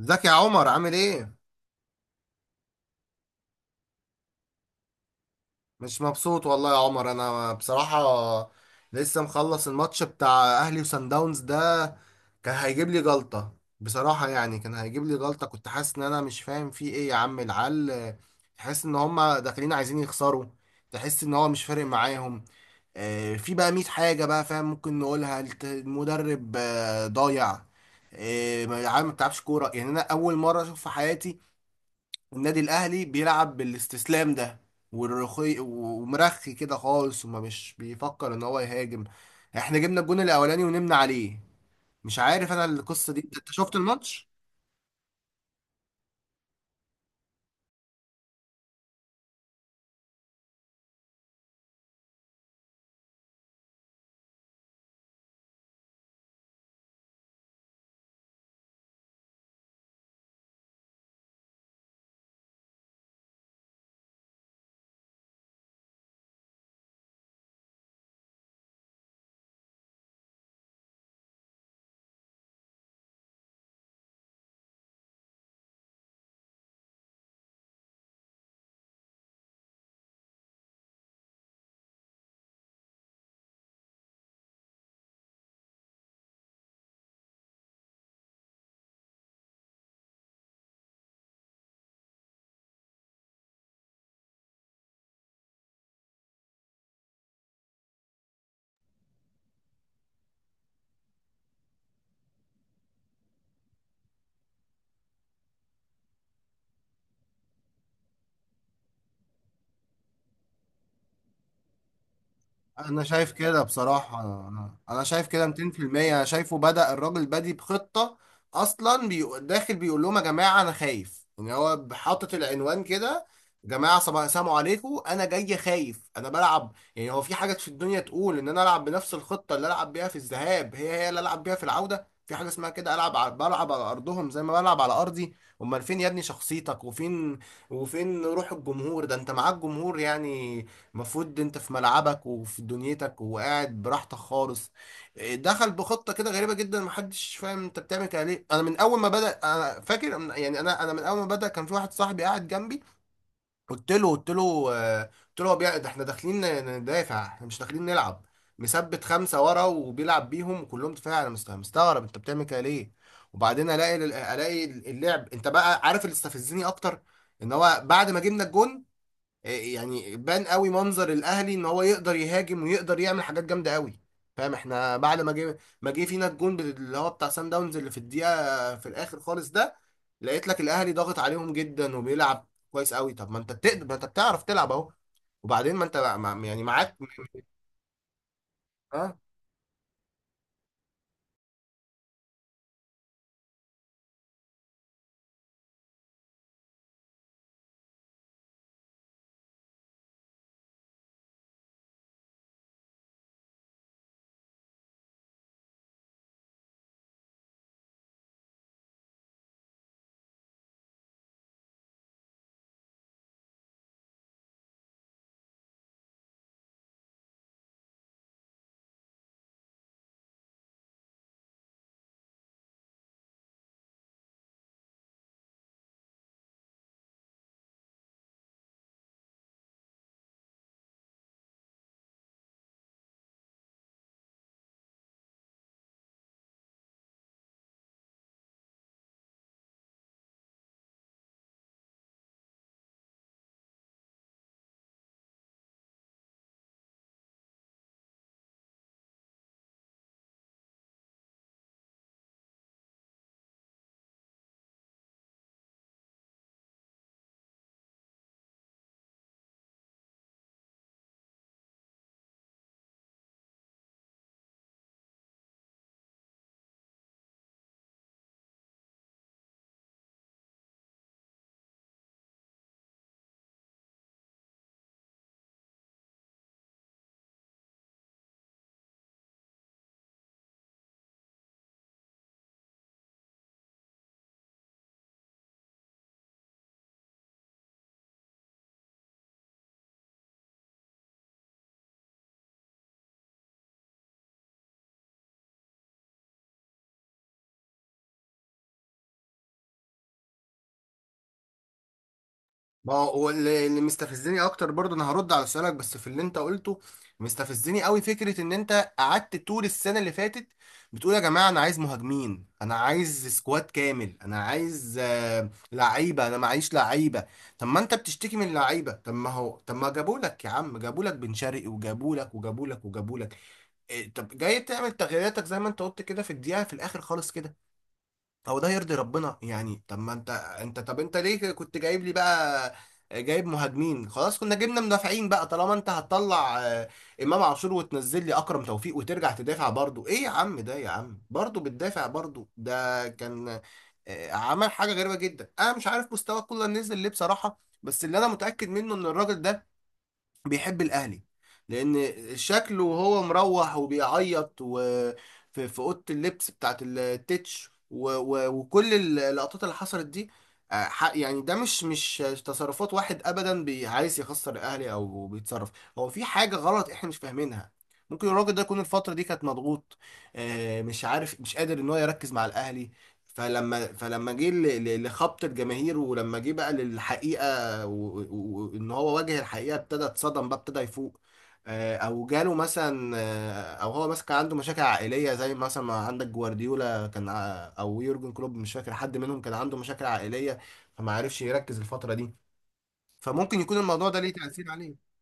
ازيك يا عمر؟ عامل ايه؟ مش مبسوط والله يا عمر انا بصراحة. لسه مخلص الماتش بتاع اهلي وسان داونز ده، كان هيجيب لي جلطة بصراحة، يعني كان هيجيب لي جلطة. كنت حاسس ان انا مش فاهم في ايه يا عم. العيال تحس ان هما داخلين عايزين يخسروا، تحس ان هو مش فارق معاهم. في بقى 100 حاجة بقى فاهم ممكن نقولها. المدرب ضايع. العيال ما بتلعبش كورة، يعني انا اول مرة اشوف في حياتي النادي الاهلي بيلعب بالاستسلام ده، والرخي ومرخي كده خالص وما مش بيفكر ان هو يهاجم. احنا جبنا الجون الاولاني ونمنا عليه. مش عارف انا القصه دي، انت شفت الماتش؟ انا شايف كده بصراحة. انا شايف كده 200%. انا شايفه بدأ الراجل بادي بخطة، اصلا داخل بيقول لهم يا جماعة انا خايف، يعني هو حاطط العنوان كده، يا جماعة صباح السلام عليكم انا جاي خايف انا بلعب. يعني هو في حاجة في الدنيا تقول ان انا العب بنفس الخطة اللي العب بيها في الذهاب هي هي اللي العب بيها في العودة؟ في حاجة اسمها كده، بلعب على ارضهم زي ما بلعب على ارضي. امال فين يا ابني شخصيتك، وفين وفين روح الجمهور ده؟ انت معاك جمهور يعني، المفروض انت في ملعبك وفي دنيتك وقاعد براحتك خالص. دخل بخطه كده غريبه جدا، محدش فاهم انت بتعمل كده ليه. انا من اول ما بدا، انا فاكر انا من اول ما بدا كان في واحد صاحبي قاعد جنبي، قلت له قلت له، ده احنا داخلين ندافع، احنا مش داخلين نلعب. مثبت خمسه ورا وبيلعب بيهم وكلهم دفاع، انا مستغرب انت بتعمل كده ليه. وبعدين الاقي اللعب. انت بقى عارف اللي استفزني اكتر، ان هو بعد ما جبنا الجون يعني بان قوي منظر الاهلي ان هو يقدر يهاجم ويقدر يعمل حاجات جامده قوي، فاهم؟ احنا بعد ما جه فينا الجون اللي هو بتاع سان داونز اللي في الدقيقه في الاخر خالص ده، لقيت لك الاهلي ضاغط عليهم جدا وبيلعب كويس قوي. طب ما انت بتقدر، ما انت بتعرف تلعب اهو. وبعدين ما انت يعني معاك. ما هو اللي مستفزني اكتر برضه، انا هرد على سؤالك بس في اللي انت قلته. مستفزني قوي فكره ان انت قعدت طول السنه اللي فاتت بتقول يا جماعه انا عايز مهاجمين، انا عايز سكواد كامل، انا عايز لعيبه، انا معيش لعيبه. طب ما انت بتشتكي من اللعيبه، طب ما هو، طب ما جابوا لك يا عم، جابوا لك بن شرقي وجابوا لك وجابوا لك وجابوا لك إيه؟ طب جاي تعمل تغييراتك زي ما انت قلت كده في الدقيقه في الاخر خالص كده، هو ده يرضي ربنا يعني؟ طب ما انت، انت طب انت ليه كنت جايب لي بقى جايب مهاجمين؟ خلاص كنا جبنا مدافعين بقى طالما انت هتطلع امام عاشور وتنزل لي اكرم توفيق وترجع تدافع برضو. ايه يا عم ده يا عم، برضو بتدافع برضو. ده كان عمل حاجة غريبة جدا. انا مش عارف مستوى كولر نزل ليه بصراحة، بس اللي انا متأكد منه ان الراجل ده بيحب الاهلي، لان شكله وهو مروح وبيعيط، وفي في اوضه اللبس بتاعت التتش وكل اللقطات اللي حصلت دي، يعني ده مش تصرفات واحد ابدا عايز يخسر الاهلي او بيتصرف. هو في حاجه غلط احنا مش فاهمينها، ممكن الراجل ده يكون الفتره دي كانت مضغوط، مش عارف، مش قادر ان هو يركز مع الاهلي. فلما جه لخبط الجماهير، ولما جه بقى للحقيقه وان هو واجه الحقيقه ابتدى اتصدم بقى، ابتدى يفوق. او جاله مثلا، او هو مثلا كان عنده مشاكل عائليه، زي مثلا ما عندك جوارديولا كان او يورجن كلوب، مش فاكر حد منهم كان عنده مشاكل عائليه فما عرفش يركز الفتره دي، فممكن يكون الموضوع ده ليه تاثير عليه.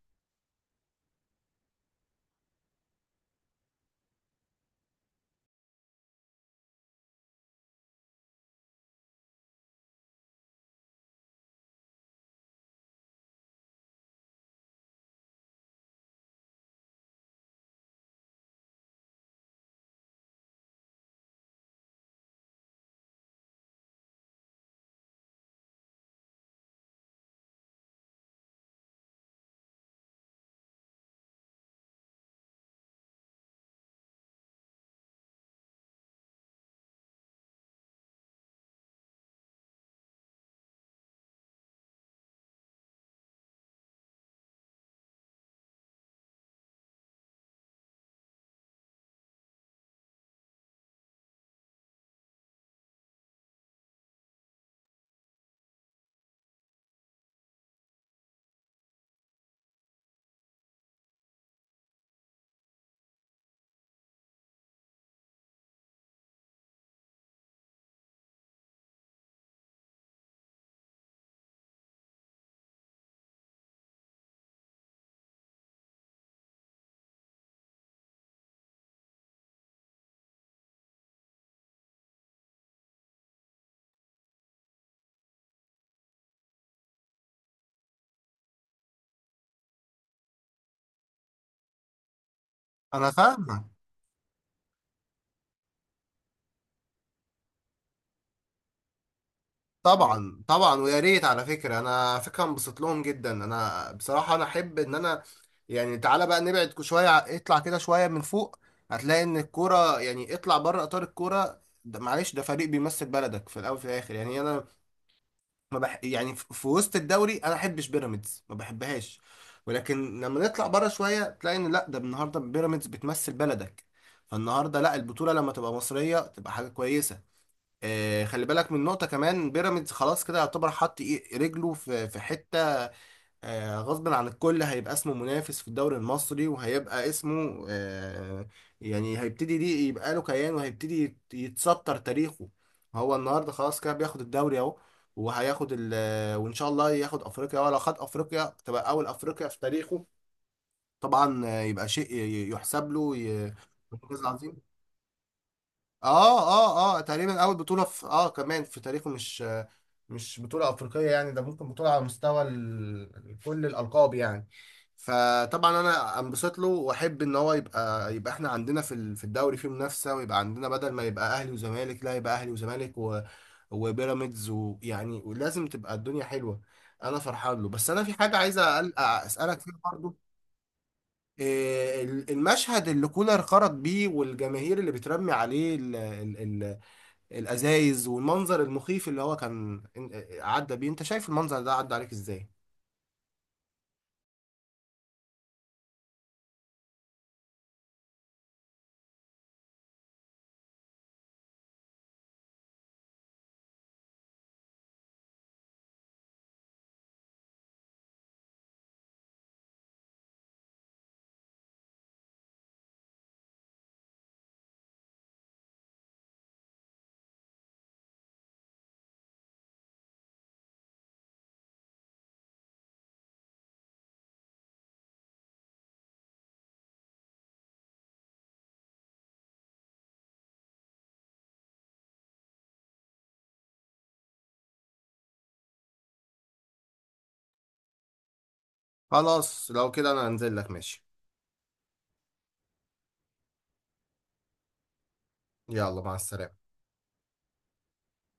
انا فاهمك، طبعا طبعا. ويا ريت، على فكره انا على فكره انبسط لهم جدا، انا بصراحه انا احب ان انا يعني، تعالى بقى نبعد شويه، اطلع كده شويه من فوق، هتلاقي ان الكوره يعني اطلع بره اطار الكوره ده. معلش، ده فريق بيمثل بلدك في الاول وفي الاخر. يعني انا ما بح يعني في وسط الدوري انا احبش بيراميدز، ما بحبهاش، ولكن لما نطلع بره شويه تلاقي ان لا، ده النهارده بيراميدز بتمثل بلدك، فالنهارده لا، البطوله لما تبقى مصريه تبقى حاجه كويسه. خلي بالك من نقطة كمان، بيراميدز خلاص كده يعتبر حط رجله في حتة غصب عن الكل، هيبقى اسمه منافس في الدوري المصري وهيبقى اسمه يعني هيبتدي دي، يبقى له كيان وهيبتدي يتسطر تاريخه. هو النهارده خلاص كده بياخد الدوري اهو، وهياخد ال آه، وان شاء الله ياخد افريقيا، ولو خد افريقيا تبقى اول افريقيا في تاريخه. طبعا، يبقى شيء يحسب له إنجاز عظيم. اه اه اه، تقريبا اول بطولة في اه كمان في تاريخه، مش بطولة افريقية يعني، ده ممكن بطولة على مستوى كل الالقاب يعني. فطبعا انا انبسط له، واحب ان هو يبقى احنا عندنا في في الدوري في منافسة، ويبقى عندنا بدل ما يبقى اهلي وزمالك، لا يبقى اهلي وزمالك و وبيراميدز، ويعني ولازم تبقى الدنيا حلوة. انا فرحان له، بس انا في حاجة عايز اسألك فيها برضه. إيه المشهد اللي كولر خرج بيه والجماهير اللي بترمي عليه الازايز والمنظر المخيف اللي هو كان عدى بيه؟ انت شايف المنظر ده عدى عليك ازاي؟ خلاص لو كده انا هنزل لك، ماشي. يلا مع السلامة.